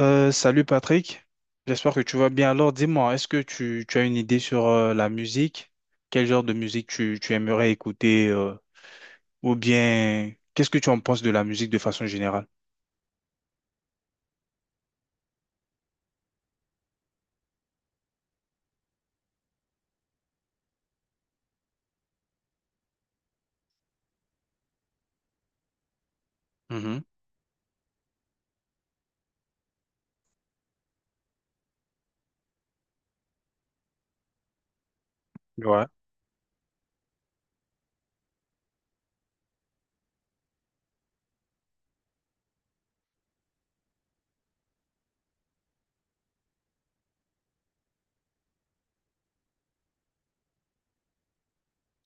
Salut Patrick, j'espère que tu vas bien. Alors dis-moi, est-ce que tu as une idée sur la musique? Quel genre de musique tu aimerais écouter ou bien qu'est-ce que tu en penses de la musique de façon générale? Mhm. Ouais.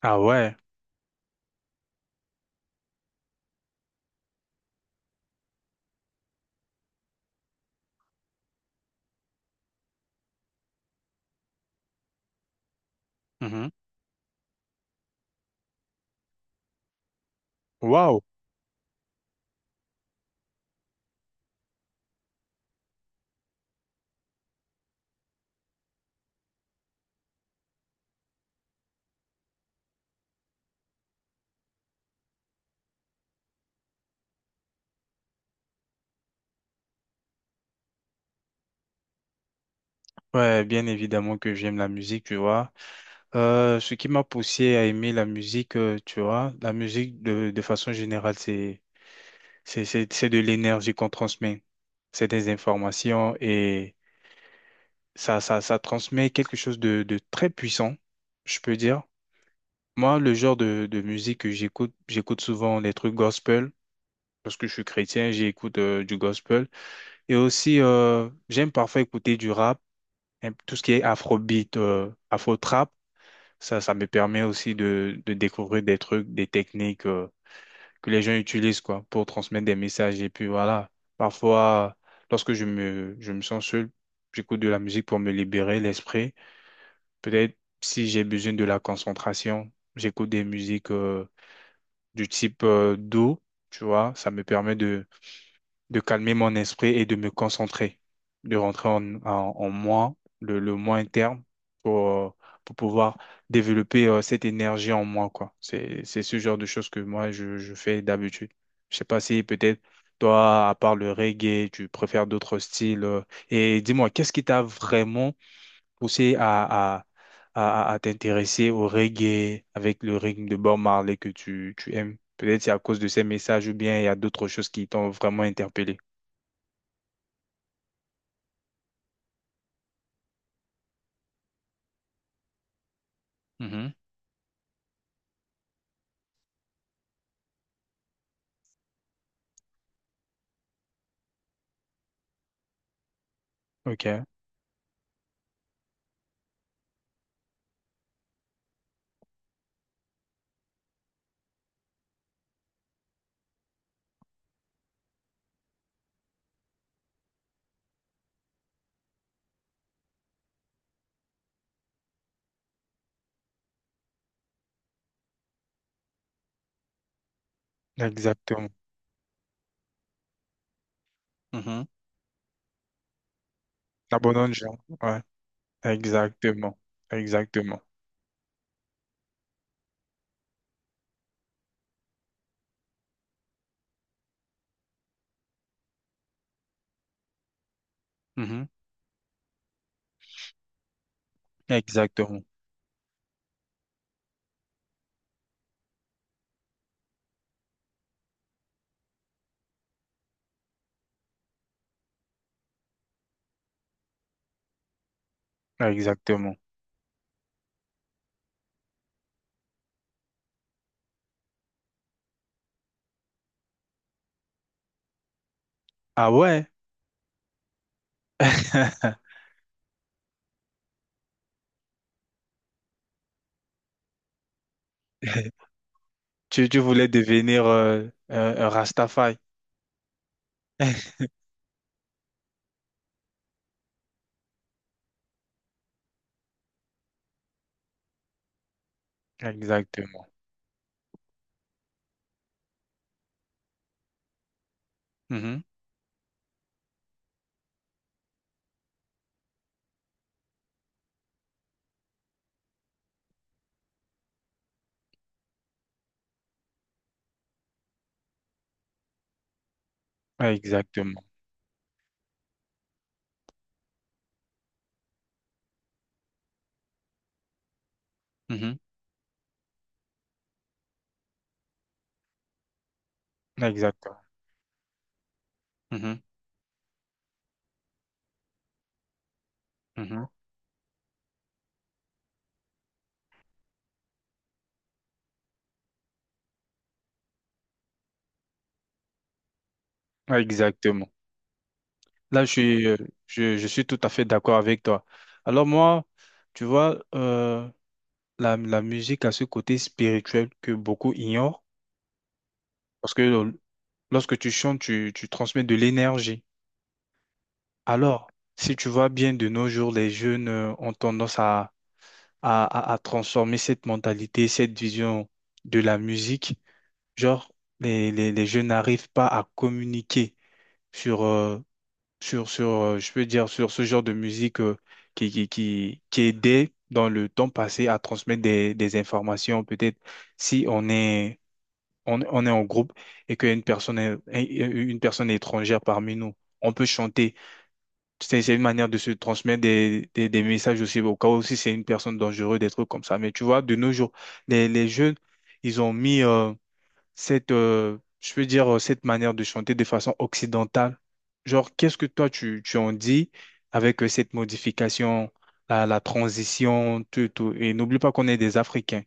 Ah ouais. Mhm. Waouh. Ouais, bien évidemment que j'aime la musique, tu vois. Ce qui m'a poussé à aimer la musique, tu vois, la musique de façon générale, c'est de l'énergie qu'on transmet. C'est des informations et ça transmet quelque chose de très puissant, je peux dire. Moi, le genre de musique que j'écoute, j'écoute souvent des trucs gospel parce que je suis chrétien, j'écoute du gospel. Et aussi, j'aime parfois écouter du rap, hein, tout ce qui est afrobeat, afro-trap. Ça me permet aussi de découvrir des trucs, des techniques. Que les gens utilisent quoi pour transmettre des messages et puis voilà, parfois lorsque je me sens seul, j'écoute de la musique pour me libérer l'esprit. Peut-être si j'ai besoin de la concentration, j'écoute des musiques du type doux. Tu vois, ça me permet de calmer mon esprit et de me concentrer, de rentrer en moi, le moi interne, pour, euh, pour pouvoir développer cette énergie en moi, quoi. C'est ce genre de choses que moi, je fais d'habitude. Je sais pas si peut-être toi, à part le reggae, tu préfères d'autres styles. Et dis-moi, qu'est-ce qui t'a vraiment poussé à t'intéresser au reggae avec le rythme de Bob Marley que tu aimes? Peut-être c'est à cause de ces messages ou bien il y a d'autres choses qui t'ont vraiment interpellé. Mhm. Ok, exactement. Mhm. La bonne gens. Ouais, exactement. Exactement. Mhm. Exactement. Exactement. Ah ouais. Tu voulais devenir un Rastafari. Exactement. Mhm. Exactement. Mhm. Exactement. Mhm, mhm. Exactement. Là, je suis tout à fait d'accord avec toi. Alors moi, tu vois, la musique a ce côté spirituel que beaucoup ignorent, parce que lorsque tu chantes, tu transmets de l'énergie. Alors, si tu vois bien de nos jours, les jeunes ont tendance à, à transformer cette mentalité, cette vision de la musique. Genre, les jeunes n'arrivent pas à communiquer sur, euh, sur je peux dire, sur ce genre de musique qui aidait dans le temps passé à transmettre des informations. Peut-être si on est on est en groupe et qu'une personne, une personne étrangère parmi nous. On peut chanter. C'est une manière de se transmettre des messages aussi, au cas où si c'est une personne dangereuse, des trucs comme ça. Mais tu vois, de nos jours, les jeunes, ils ont mis, cette, je veux dire, cette manière de chanter de façon occidentale. Genre, qu'est-ce que toi, tu en dis avec cette modification, la transition, tout, tout. Et n'oublie pas qu'on est des Africains.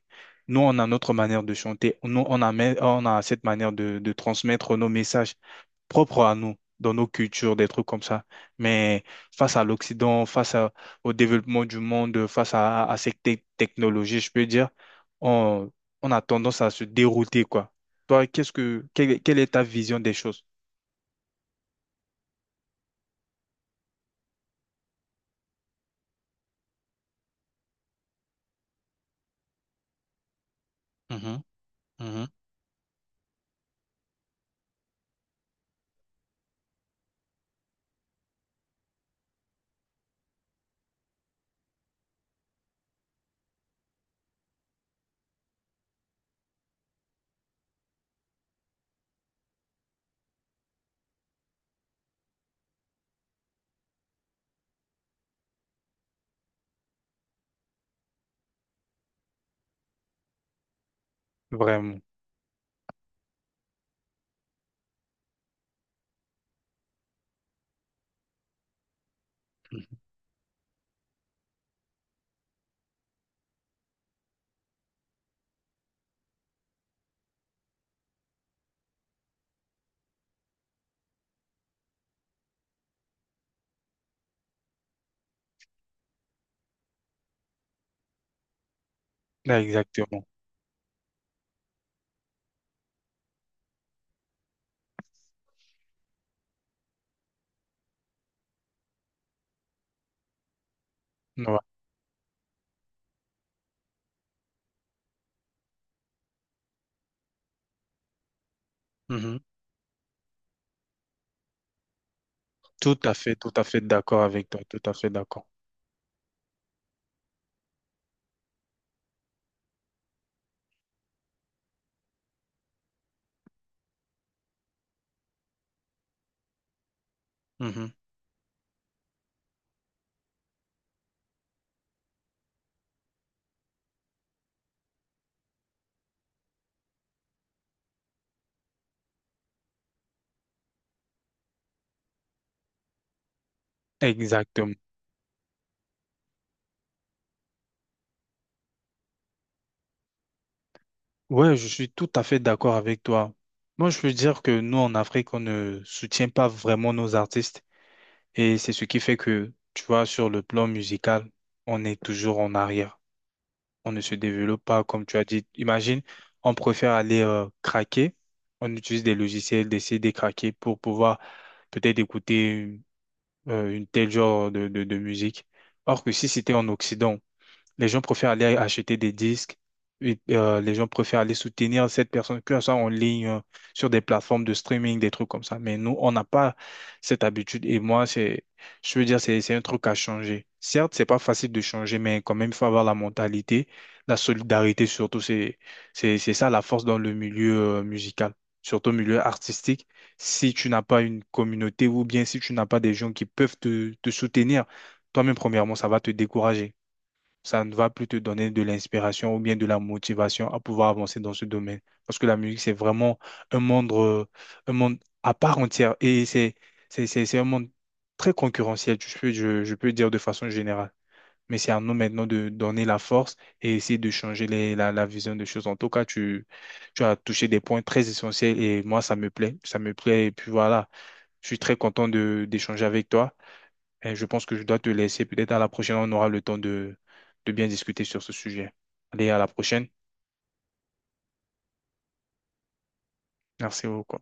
Nous, on a notre manière de chanter. Nous, on a, on a cette manière de transmettre nos messages propre à nous, dans nos cultures, des trucs comme ça. Mais face à l'Occident, au développement du monde, face à ces technologies, je peux dire, on, on a tendance à se dérouter, quoi. Toi, qu'est-ce que, quelle, quelle est ta vision des choses? Mhm, mhm. Vraiment. Là, exactement. Ouais. Mhm. Tout à fait d'accord avec toi, tout à fait d'accord. Mhm. Exactement. Ouais, je suis tout à fait d'accord avec toi. Moi, je peux dire que nous, en Afrique, on ne soutient pas vraiment nos artistes. Et c'est ce qui fait que, tu vois, sur le plan musical, on est toujours en arrière. On ne se développe pas, comme tu as dit. Imagine, on préfère aller craquer. On utilise des logiciels, des CD craqués pour pouvoir peut-être écouter une telle genre de musique. Or que si c'était en Occident, les gens préfèrent aller acheter des disques. Et, les gens préfèrent aller soutenir cette personne, que ça soit en ligne, sur des plateformes de streaming, des trucs comme ça. Mais nous, on n'a pas cette habitude. Et moi, je veux dire, c'est un truc à changer. Certes, c'est pas facile de changer, mais quand même, il faut avoir la mentalité, la solidarité surtout. C'est ça la force dans le milieu musical, surtout au milieu artistique. Si tu n'as pas une communauté ou bien si tu n'as pas des gens qui peuvent te soutenir, toi-même, premièrement, ça va te décourager, ça ne va plus te donner de l'inspiration ou bien de la motivation à pouvoir avancer dans ce domaine. Parce que la musique, c'est vraiment un monde, euh, un monde à part entière et c'est un monde très concurrentiel, je peux dire de façon générale. Mais c'est à nous maintenant de donner la force et essayer de changer la vision des choses. En tout cas, tu as touché des points très essentiels et moi, ça me plaît. Ça me plaît. Et puis voilà, je suis très content de d'échanger avec toi. Et je pense que je dois te laisser. Peut-être à la prochaine, on aura le temps de bien discuter sur ce sujet. Allez, à la prochaine. Merci beaucoup.